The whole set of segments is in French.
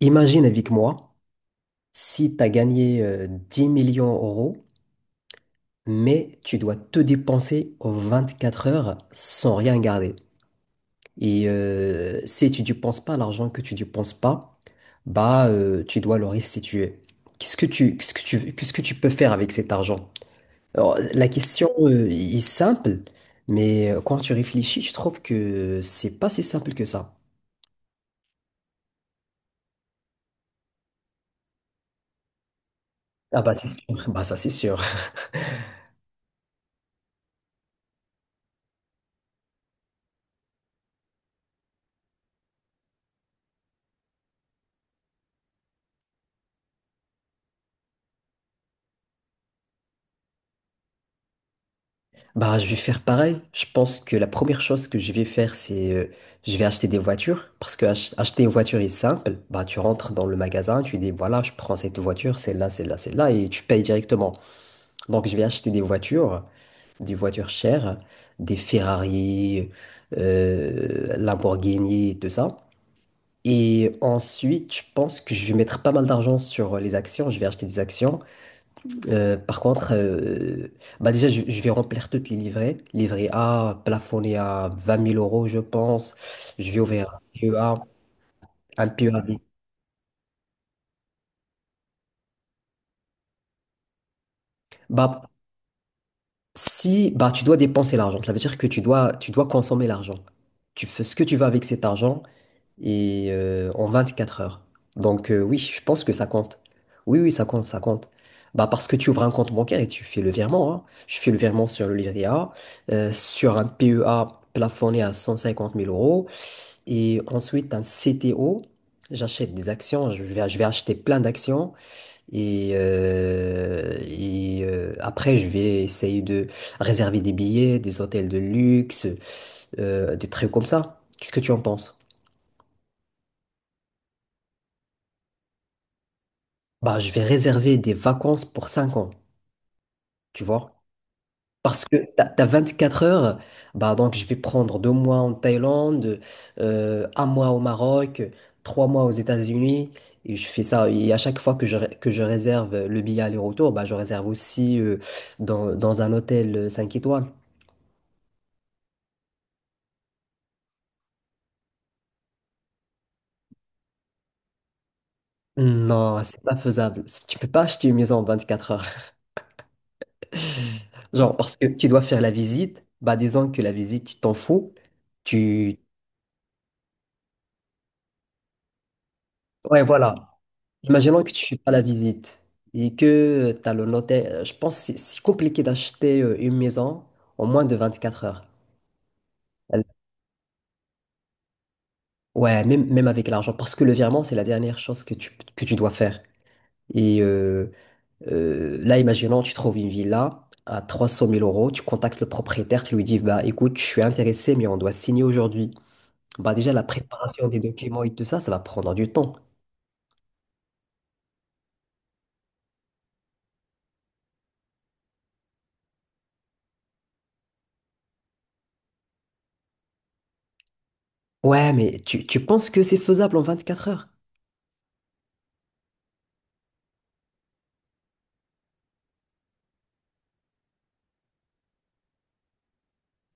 Imagine avec moi si tu as gagné 10 millions d'euros, mais tu dois te dépenser aux 24 heures sans rien garder. Et si tu ne dépenses pas l'argent que tu ne dépenses pas, tu dois le restituer. Qu'est-ce que tu peux faire avec cet argent? Alors, la question est simple, mais quand tu réfléchis, je trouve que c'est pas si simple que ça. Ah bah c'est sûr. Bah ça c'est sûr. Bah, je vais faire pareil. Je pense que la première chose que je vais faire, c'est je vais acheter des voitures parce que acheter une voiture est simple. Bah, tu rentres dans le magasin, tu dis voilà, je prends cette voiture, celle-là, celle-là, celle-là, et tu payes directement. Donc, je vais acheter des voitures chères, des Ferrari, Lamborghini, et tout ça. Et ensuite, je pense que je vais mettre pas mal d'argent sur les actions. Je vais acheter des actions, par contre, bah déjà, je vais remplir toutes les livrées. Livret A, plafonné à 20 000 euros, je pense. Je vais ouvrir un PEA, un PEA. Bah, si, bah, tu dois dépenser l'argent, ça veut dire que tu dois consommer l'argent. Tu fais ce que tu veux avec cet argent, et en 4 heures. Donc oui, je pense que ça compte. Oui, oui, ça compte, ça compte. Bah parce que tu ouvres un compte bancaire et tu fais le virement, hein. Tu fais le virement sur le livret A, sur un PEA plafonné à 150 000 euros et ensuite un CTO. J'achète des actions, je vais acheter plein d'actions et, après je vais essayer de réserver des billets, des hôtels de luxe, des trucs comme ça. Qu'est-ce que tu en penses? Bah, je vais réserver des vacances pour 5 ans, tu vois. Parce que t'as 4 heures, bah donc je vais prendre 2 mois en Thaïlande, 1 mois au Maroc, 3 mois aux États-Unis, et je fais ça. Et à chaque fois que je réserve le billet aller-retour, bah je réserve aussi dans un hôtel 5 étoiles. Non, c'est pas faisable. Tu peux pas acheter une maison en 24 heures. Genre, parce que tu dois faire la visite, bah disons que la visite, tu t'en fous. Tu... Ouais, voilà. Imaginons que tu fais pas la visite et que tu as le notaire. Je pense que c'est compliqué d'acheter une maison en moins de 24 heures. Elle- Ouais, même, même avec l'argent, parce que le virement, c'est la dernière chose que tu dois faire. Et là, imaginons, tu trouves une villa à 300 000 euros, tu contactes le propriétaire, tu lui dis, bah écoute, je suis intéressé, mais on doit signer aujourd'hui. Bah déjà, la préparation des documents et tout ça, ça va prendre du temps. Ouais, mais tu penses que c'est faisable en 24 heures?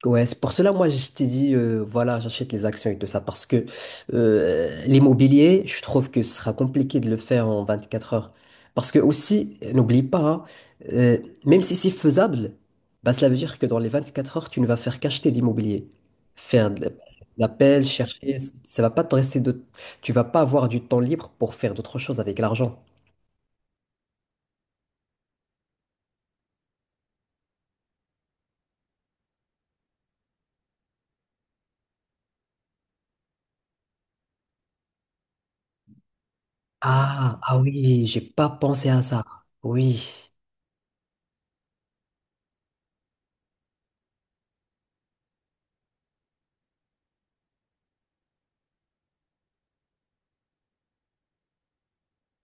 Ouais, c'est pour cela, moi, je t'ai dit, voilà, j'achète les actions et tout ça, parce que l'immobilier, je trouve que ce sera compliqué de le faire en 24 heures. Parce que aussi, n'oublie pas, hein, euh, même si c'est faisable, bah, cela veut dire que dans les 24 heures, tu ne vas faire qu'acheter d'immobilier. Faire de- des appels, chercher, ça va pas te rester de... Tu vas pas avoir du temps libre pour faire d'autres choses avec l'argent. Ah, ah oui, j'ai pas pensé à ça. Oui.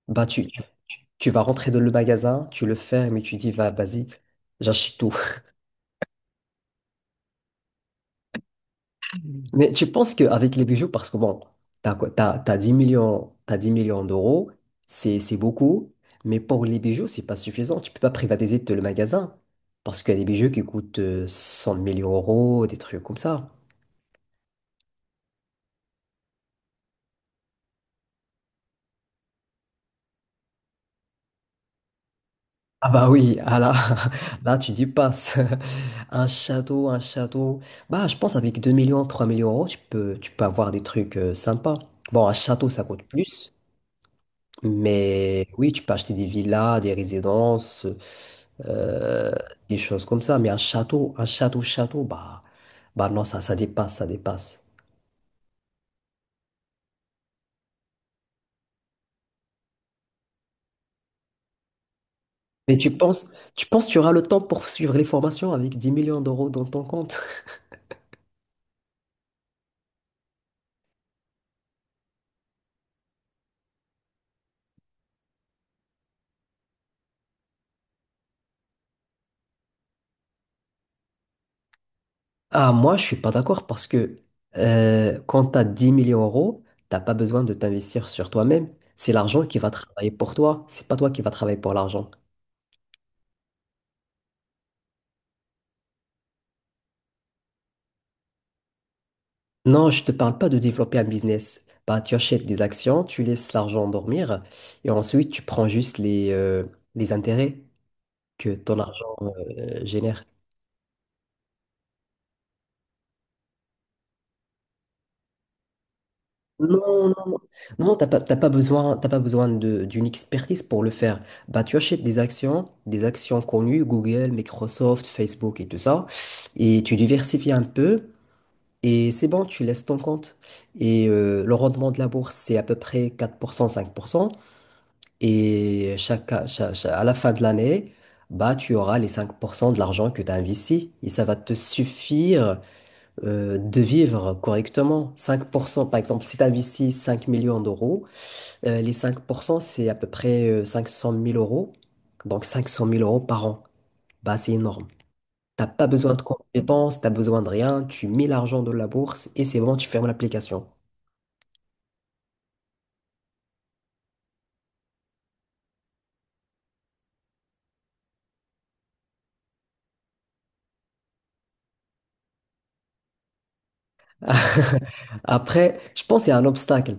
Bah, tu, Tu vas rentrer dans le magasin, tu le fermes et tu dis, vas-y, j'achète tout. Mais tu penses qu'avec les bijoux, parce que bon, t'as 10 millions, t'as 10 millions d'euros, c'est beaucoup, mais pour les bijoux, c'est pas suffisant. Tu peux pas privatiser tout le magasin, parce qu'il y a des bijoux qui coûtent 100 000 euros, des trucs comme ça. Ah bah oui, ah là, là tu dis passe. Un château, un château. Bah je pense avec 2 millions, 3 millions d'euros, tu peux avoir des trucs sympas. Bon, un château, ça coûte plus. Mais oui, tu peux acheter des villas, des résidences, euh, des choses comme ça. Mais un château, château, bah non, ça dépasse, ça dépasse. Mais tu penses que tu auras le temps pour suivre les formations avec 10 millions d'euros dans ton compte? Ah, moi, je suis pas d'accord parce que quand tu as 10 millions d'euros, t'as pas besoin de t'investir sur toi-même. C'est l'argent qui va travailler pour toi. C'est pas toi qui va travailler pour l'argent. Non, je te parle pas de développer un business. Bah, tu achètes des actions, tu laisses l'argent dormir et ensuite tu prends juste les intérêts que ton argent génère. Non, non, non, Non, t'as pas besoin d'une expertise pour le faire. Bah, tu achètes des actions connues, Google, Microsoft, Facebook et tout ça, et tu diversifies un peu, et c'est bon, tu laisses ton compte. Et le rendement de la bourse, c'est à peu près 4%, 5%. Et à la fin de l'année, bah, tu auras les 5% de l'argent que tu as investi. Et ça va te suffire de vivre correctement. 5%, par exemple, si tu investis 5 millions d'euros, les 5%, c'est à peu près 500 000 euros. Donc 500 000 euros par an. Bah, c'est énorme. T'as pas besoin de compétences, t'as besoin de rien. Tu mets l'argent dans la bourse et c'est bon, tu fermes l'application. Après, je pense qu'il y a un obstacle.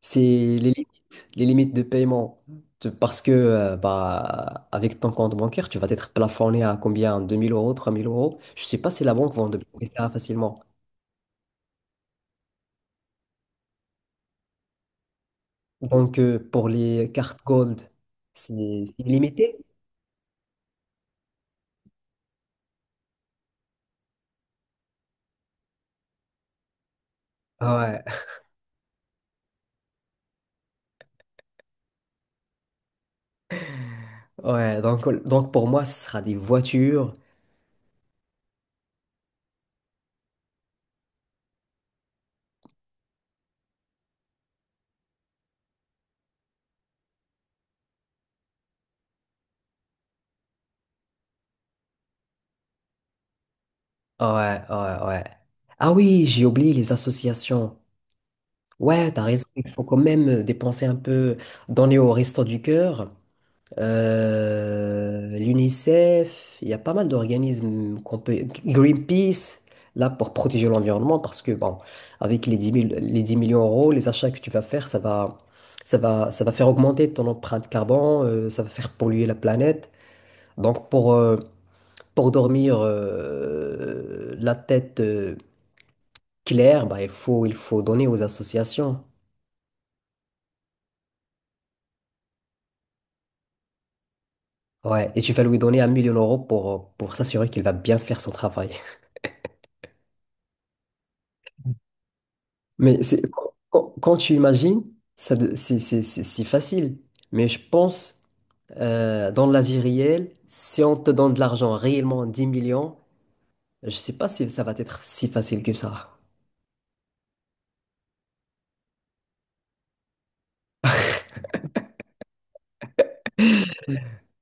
C'est les limites de paiement. Parce que bah, avec ton compte bancaire, tu vas être plafonné à combien? 2 000 euros, 3 000 euros. Je ne sais pas si la banque va en débloquer ça facilement. Donc, pour les cartes gold, c'est limité. Ouais, ouais. Donc, pour moi, ce sera des voitures. Ouais, ouais, ouais. Ah oui, j'ai oublié les associations. Ouais, t'as raison. Il faut quand même dépenser un peu, donner au Resto du Cœur, l'UNICEF. Il y a pas mal d'organismes qu'on peut. Greenpeace, là, pour protéger l'environnement, parce que, bon, avec les 10 millions d'euros, les achats que tu vas faire, ça va faire augmenter ton empreinte carbone, ça va faire polluer la planète. Donc, pour dormir la tête claire, bah, il faut donner aux associations. Ouais, et tu vas lui donner 1 million d'euros pour s'assurer qu'il va bien faire son travail. Mais c'est, quand tu imagines, c'est si facile. Mais je pense, dans la vie réelle, si on te donne de l'argent réellement, 10 millions, je sais pas si ça va être si facile que ça.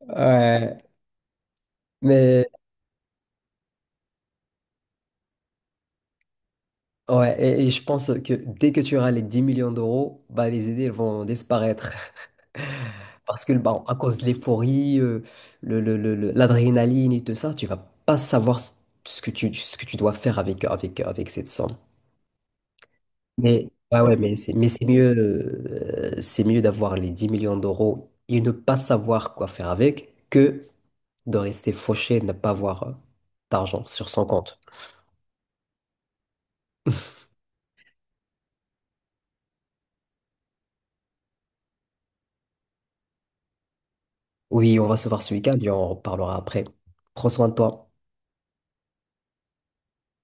Ouais, mais ouais, et je pense que dès que tu auras les 10 millions d'euros, bah, les idées elles vont disparaître. Parce que bah, à cause de l'euphorie, l'adrénaline et tout ça, tu vas pas savoir ce que ce que tu dois faire avec, avec cette somme. Mais, ouais, ouais, mais mais c'est mieux d'avoir les 10 millions d'euros et ne pas savoir quoi faire avec que de rester fauché et de ne pas avoir d'argent sur son compte. Oui, on va se voir ce week-end et on en reparlera après. Prends soin de toi.